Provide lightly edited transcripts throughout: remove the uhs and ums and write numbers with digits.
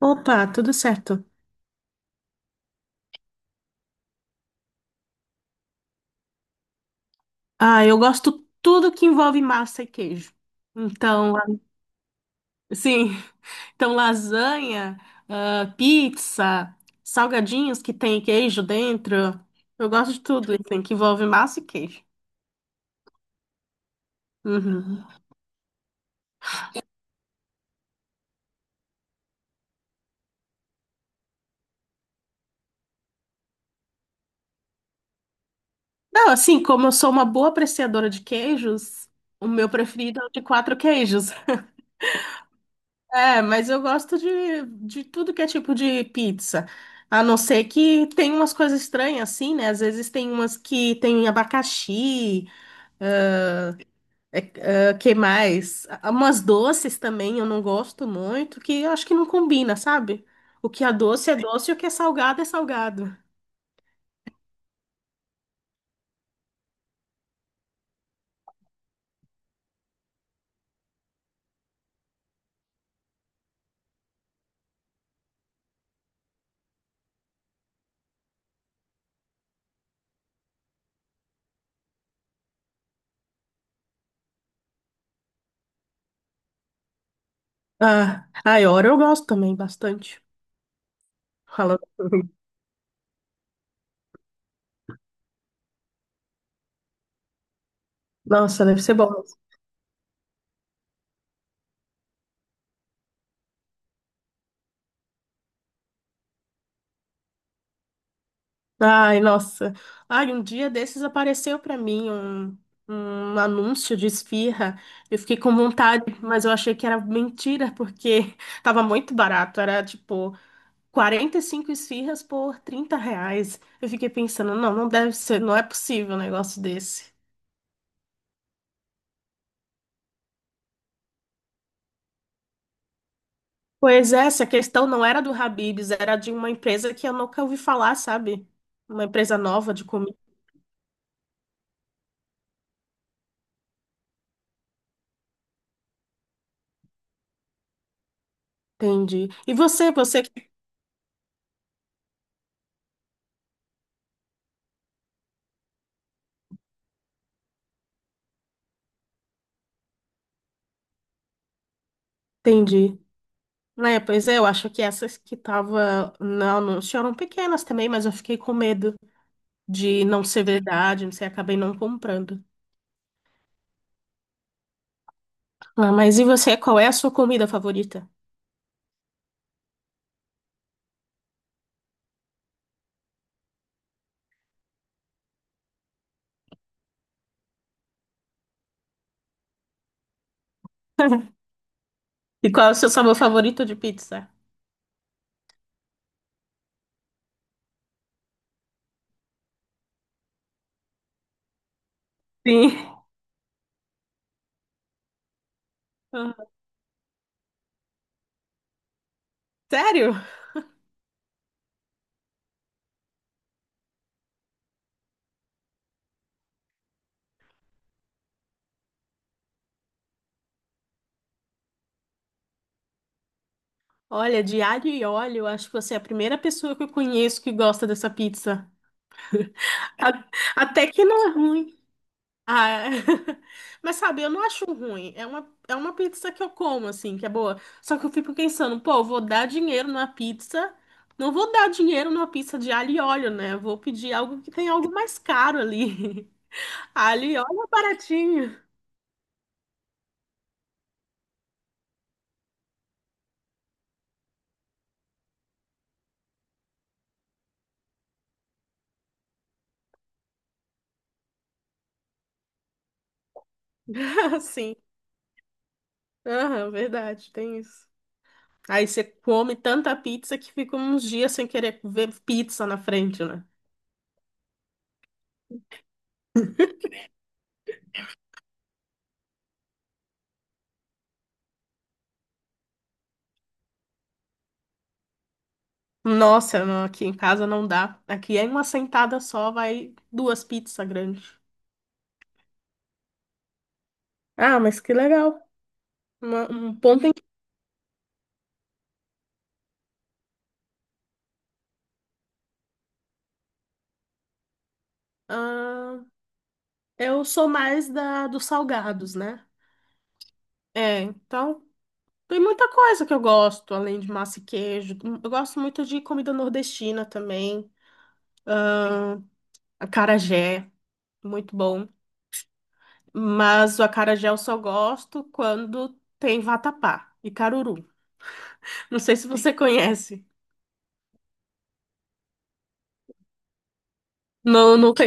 Opa, tudo certo. Ah, eu gosto tudo que envolve massa e queijo. Então, sim, então lasanha, ah, pizza, salgadinhos que tem queijo dentro. Eu gosto de tudo, assim, que envolve massa e queijo. Uhum. Não, assim, como eu sou uma boa apreciadora de queijos, o meu preferido é o de quatro queijos. É, mas eu gosto de tudo que é tipo de pizza. A não ser que tem umas coisas estranhas assim, né? Às vezes tem umas que tem abacaxi, que mais? Ah, umas doces também eu não gosto muito, que eu acho que não combina, sabe? O que é doce e o que é salgado é salgado. Ah, a Iora eu gosto também bastante. Falando. Nossa, deve ser bom. Ai, nossa. Ai, um dia desses apareceu pra mim um anúncio de esfirra. Eu fiquei com vontade, mas eu achei que era mentira, porque tava muito barato. Era tipo 45 esfirras por R$ 30. Eu fiquei pensando, não, não deve ser, não é possível um negócio desse. Pois é, essa questão não era do Habib's, era de uma empresa que eu nunca ouvi falar, sabe? Uma empresa nova de comida. Entendi. E você, você que entende? É, pois é, eu acho que essas que tava no anúncio eram pequenas também, mas eu fiquei com medo de não ser verdade, não sei, acabei não comprando. Ah, mas e você, qual é a sua comida favorita? E qual é o seu sabor favorito de pizza? Sim. Ah, sério? Olha, de alho e óleo, eu acho que você é a primeira pessoa que eu conheço que gosta dessa pizza. A- Até que não é ruim. Ah, é. Mas sabe, eu não acho ruim. É uma pizza que eu como, assim, que é boa. Só que eu fico pensando, pô, vou dar dinheiro numa pizza. Não vou dar dinheiro numa pizza de alho e óleo, né? Vou pedir algo que tem algo mais caro ali. Alho e óleo é baratinho. Assim. Aham, verdade, tem isso. Aí você come tanta pizza que fica uns dias sem querer ver pizza na frente, né? Nossa, não, aqui em casa não dá. Aqui é em uma sentada só, vai duas pizzas grandes. Ah, mas que legal. Uma- um ponto em... Ah, eu sou mais da dos salgados, né? É, então tem muita coisa que eu gosto, além de massa e queijo. Eu gosto muito de comida nordestina também. Acarajé, muito bom. Mas o acarajé eu só gosto quando tem vatapá e caruru. Não sei se você conhece. Não, nunca,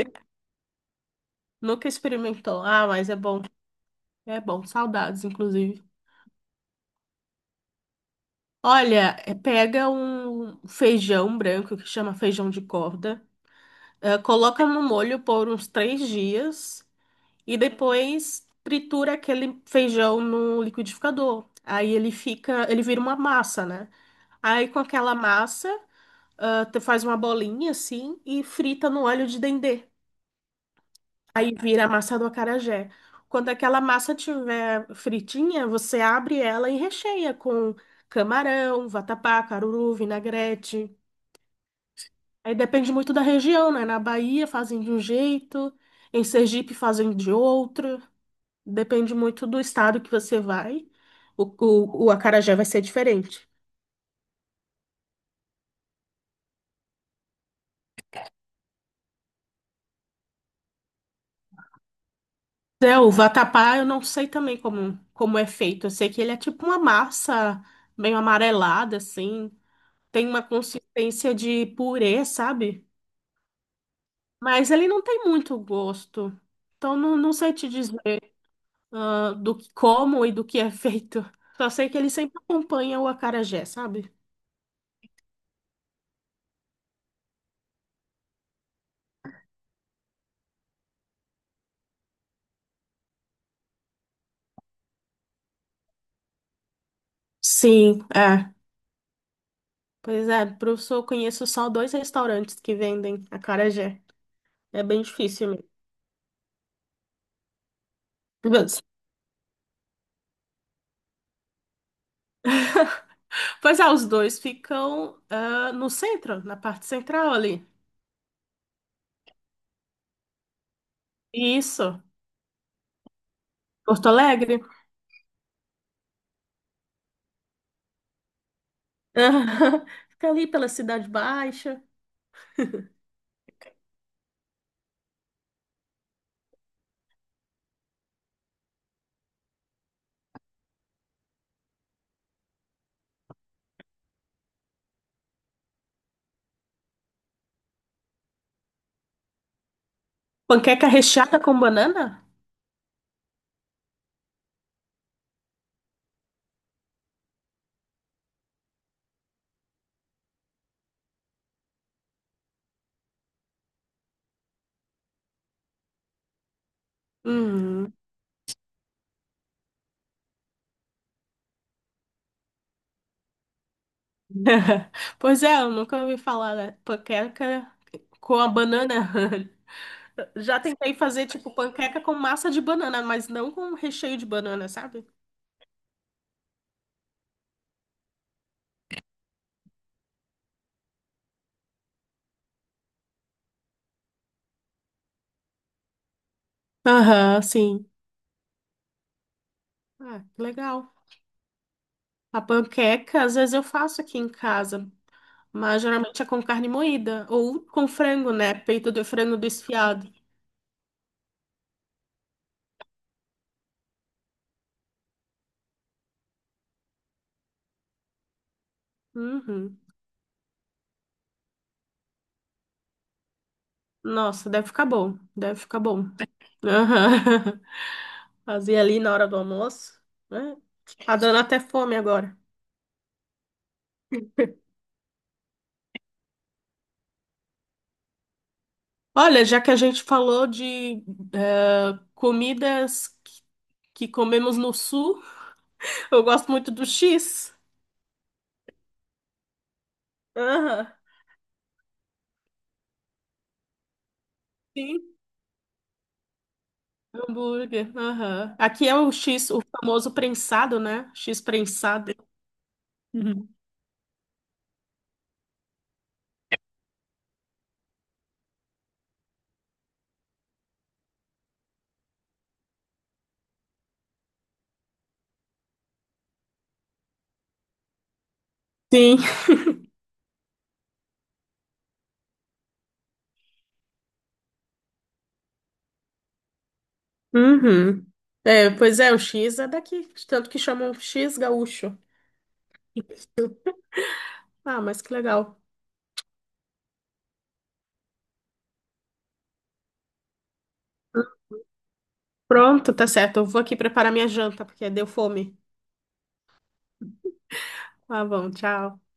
nunca experimentou. Ah, mas é bom. É bom. Saudades, inclusive. Olha, é, pega um feijão branco que chama feijão de corda, eh, coloca no molho por uns 3 dias e depois tritura aquele feijão no liquidificador. Aí ele fica, ele vira uma massa, né? Aí com aquela massa, ah, tu faz uma bolinha assim e frita no óleo de dendê. Aí vira a massa do acarajé. Quando aquela massa tiver fritinha, você abre ela e recheia com camarão, vatapá, caruru, vinagrete. Aí depende muito da região, né? Na Bahia fazem de um jeito, em Sergipe fazem de outro. Depende muito do estado que você vai. O acarajé vai ser diferente. É, o vatapá eu não sei também como é feito. Eu sei que ele é tipo uma massa meio amarelada, assim. Tem uma consistência de purê, sabe? Mas ele não tem muito gosto. Então não sei te dizer. Ah, do que como e do que é feito. Só sei que ele sempre acompanha o acarajé, sabe? Sim, é. Pois é, professor, eu conheço só dois restaurantes que vendem acarajé. É bem difícil mesmo. Mas- Pois é, os dois ficam ah, no centro, na parte central ali. Isso, Porto Alegre. Fica ali pela Cidade Baixa. Panqueca recheada com banana? Hum. Pois é, eu nunca ouvi falar da panqueca com a banana. Já tentei fazer, tipo, panqueca com massa de banana, mas não com recheio de banana, sabe? Aham, sim. Ah, que legal. A panqueca, às vezes eu faço aqui em casa, mas geralmente é com carne moída ou com frango, né? Peito de frango desfiado. Uhum. Nossa, deve ficar bom, deve ficar bom. Aham. Fazia ali na hora do almoço, né? Tá dando até fome agora. Olha, já que a gente falou de eh, comidas que comemos no sul, eu gosto muito do X. Aham. Sim. Hambúrguer. Aham. Aqui é o X, o famoso prensado, né? X prensado. Uhum. Sim. Uhum. É, pois é, o X é daqui, tanto que chamam X gaúcho. Ah, mas que legal. Pronto, tá certo. Eu vou aqui preparar minha janta, porque deu fome. Tá bom, tchau.